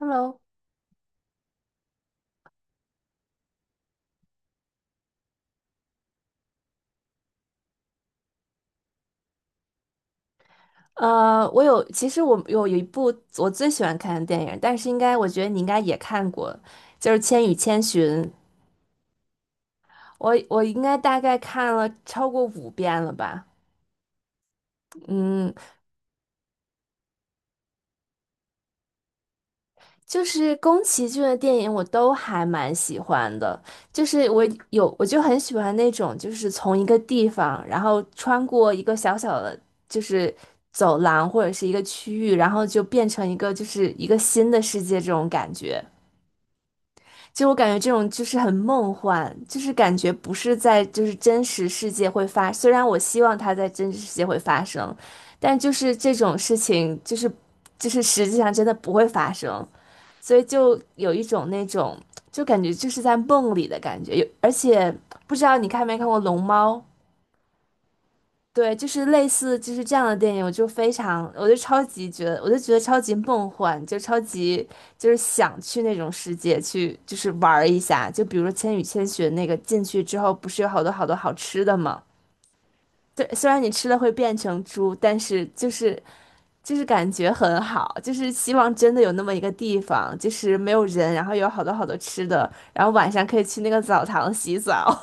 Hello，其实我一部我最喜欢看的电影，但是应该我觉得你应该也看过，就是《千与千寻》。我应该大概看了超过五遍了吧。嗯，就是宫崎骏的电影我都还蛮喜欢的。就是我我就很喜欢那种就是从一个地方，然后穿过一个小小的就是走廊或者是一个区域，然后就变成一个新的世界这种感觉。就我感觉这种就是很梦幻，就是感觉不是在就是真实世界会发，虽然我希望它在真实世界会发生，但就是这种事情实际上真的不会发生，所以就有一种那种就感觉就是在梦里的感觉。而且不知道你看没看过《龙猫》。对，就是类似就是这样的电影，我就非常，我就超级觉得，我就觉得超级梦幻，就超级就是想去那种世界去，就是玩儿一下。就比如说《千与千寻》那个进去之后，不是有好多好多好吃的吗？对，虽然你吃了会变成猪，但是就是就是感觉很好，就是希望真的有那么一个地方，就是没有人，然后有好多好多吃的，然后晚上可以去那个澡堂洗澡。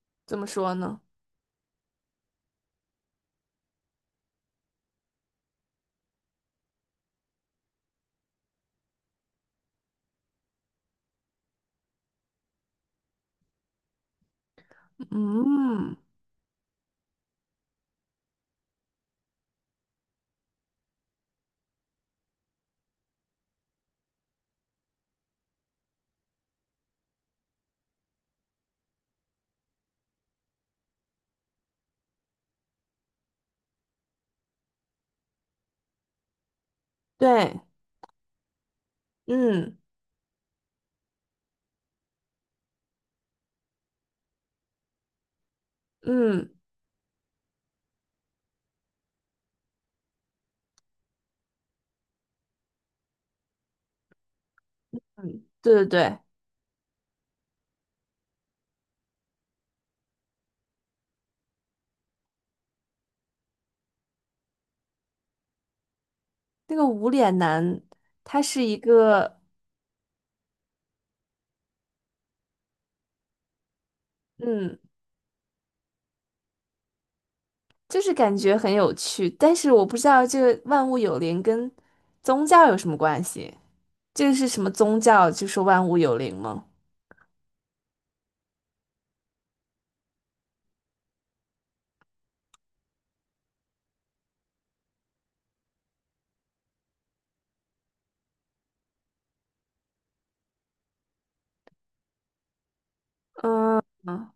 怎么说呢？嗯，对，嗯嗯。对，那个无脸男，他是一个，嗯，就是感觉很有趣，但是我不知道这个万物有灵跟宗教有什么关系？这个是什么宗教？就说万物有灵吗？嗯嗯，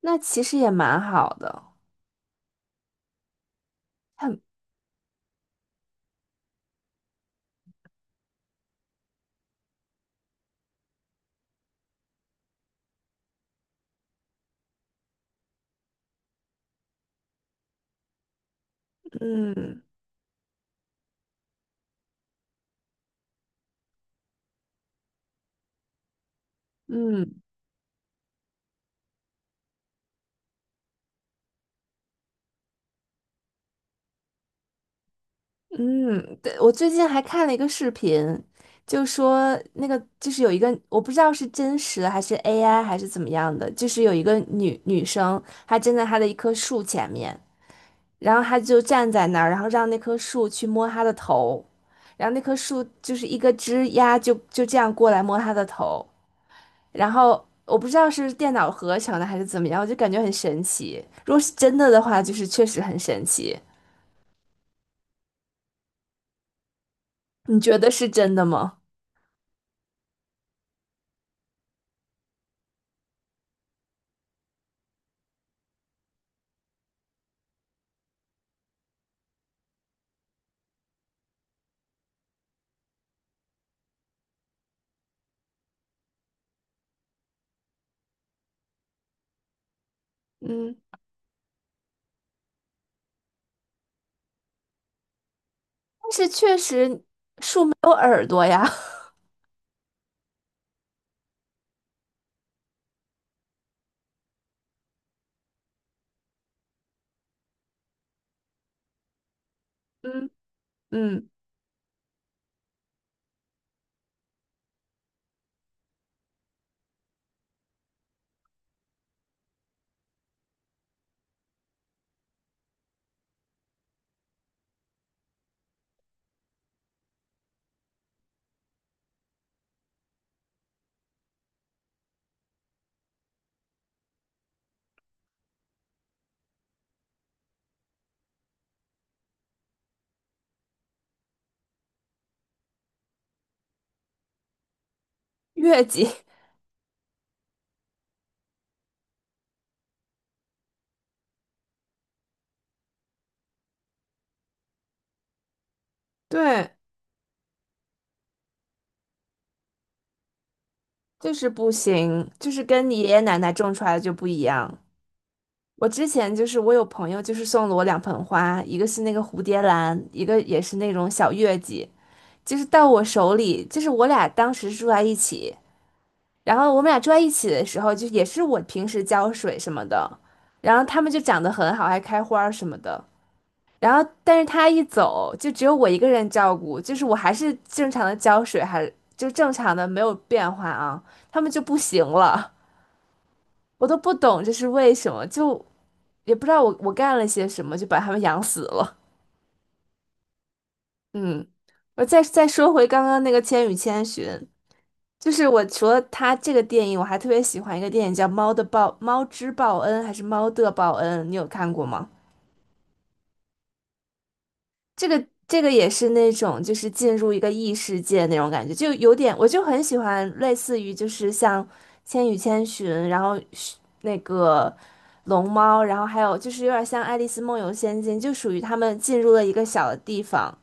那其实也蛮好的。很，嗯嗯，对，我最近还看了一个视频，就说那个就是有一个，我不知道是真实的还是 AI 还是怎么样的，就是有一个女生，她站在她的一棵树前面。然后他就站在那儿，然后让那棵树去摸他的头，然后那棵树就是一个枝丫这样过来摸他的头，然后我不知道是电脑合成的还是怎么样，我就感觉很神奇。如果是真的的话，就是确实很神奇。你觉得是真的吗？嗯，但是确实没有耳朵呀。嗯嗯，月季，对，就是不行，就是跟你爷爷奶奶种出来的就不一样。我之前就是我有朋友就是送了我两盆花，一个是那个蝴蝶兰，一个也是那种小月季，就是到我手里，就是我俩当时住在一起，然后我们俩住在一起的时候，就也是我平时浇水什么的，然后它们就长得很好，还开花儿什么的。然后，但是他一走，就只有我一个人照顾，就是我还是正常的浇水，就正常的没有变化啊，他们就不行了。我都不懂这是为什么，就也不知道我干了些什么，就把他们养死了。嗯，我再说回刚刚那个《千与千寻》，就是我除了它这个电影，我还特别喜欢一个电影叫《猫的报》《猫之报恩》还是《猫的报恩》，你有看过吗？这个也是那种就是进入一个异世界那种感觉，就有点我就很喜欢类似于就是像《千与千寻》，然后是那个龙猫，然后还有就是有点像《爱丽丝梦游仙境》，就属于他们进入了一个小的地方，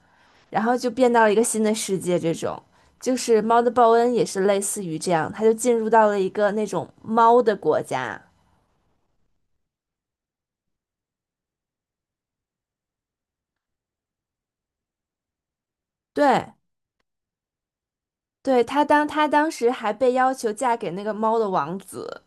然后就变到了一个新的世界这种。就是猫的报恩也是类似于这样，他就进入到了一个那种猫的国家。对，对，他当时还被要求嫁给那个猫的王子。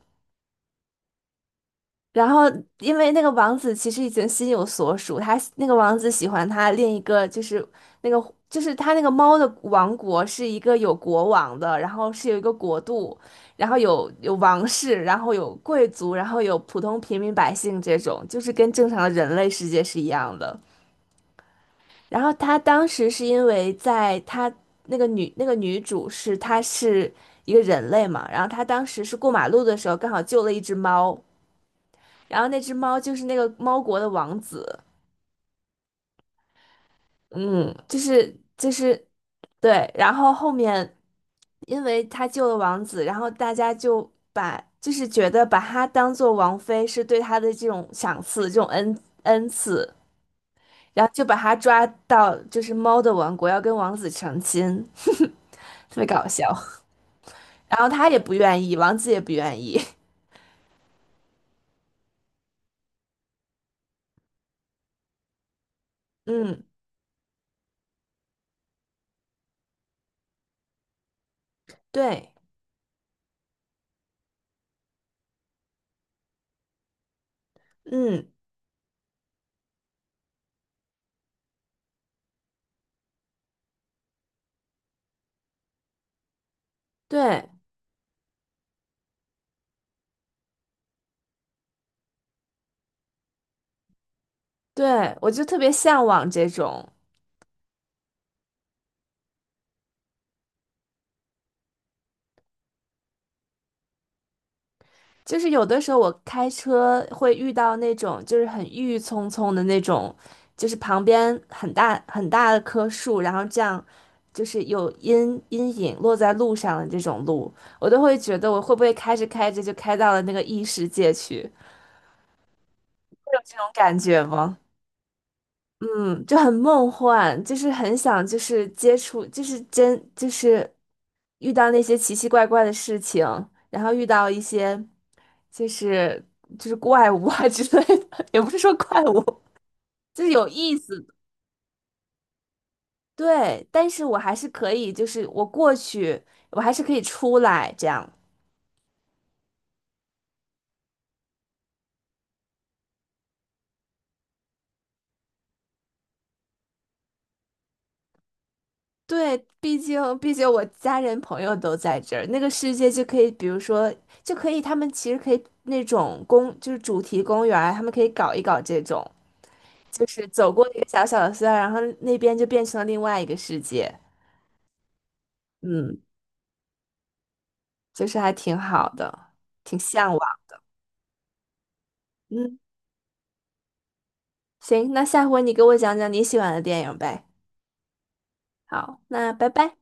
然后，因为那个王子其实已经心有所属，他那个王子喜欢他另一个，那个就是他那个猫的王国是一个有国王的，然后是有一个国度，然后有王室，然后有贵族，然后有普通平民百姓这种，就是跟正常的人类世界是一样的。然后他当时是因为在他那个女主是一个人类嘛，然后她当时是过马路的时候刚好救了一只猫。然后那只猫就是那个猫国的王子。嗯，对，然后后面因为他救了王子，然后大家就把就是觉得把他当做王妃是对他的这种赏赐，这种恩赐，然后就把他抓到就是猫的王国，要跟王子成亲。特别搞笑。然后他也不愿意，王子也不愿意。嗯，对，嗯，对对，我就特别向往这种。就是有的时候我开车会遇到那种就是很郁郁葱葱的那种，就是旁边很大很大的棵树，然后这样就是有阴影落在路上的这种路，我都会觉得我会不会开着开着就开到了那个异世界去，有这种感觉吗？嗯，就很梦幻，就是很想，就是接触，就是真，就是遇到那些奇奇怪怪的事情，然后遇到一些，就是就是怪物啊之类的。也不是说怪物，就是有意思。对，但是我还是可以，就是我过去，我还是可以出来这样。对，毕竟我家人朋友都在这儿，那个世界就可以，比如说就可以，他们其实可以那种公，就是主题公园儿他们可以搞一搞这种，就是走过一个小小的隧道，然后那边就变成了另外一个世界。嗯，就是还挺好的，挺向往。嗯，行，那下回你给我讲讲你喜欢的电影呗。好，那拜拜。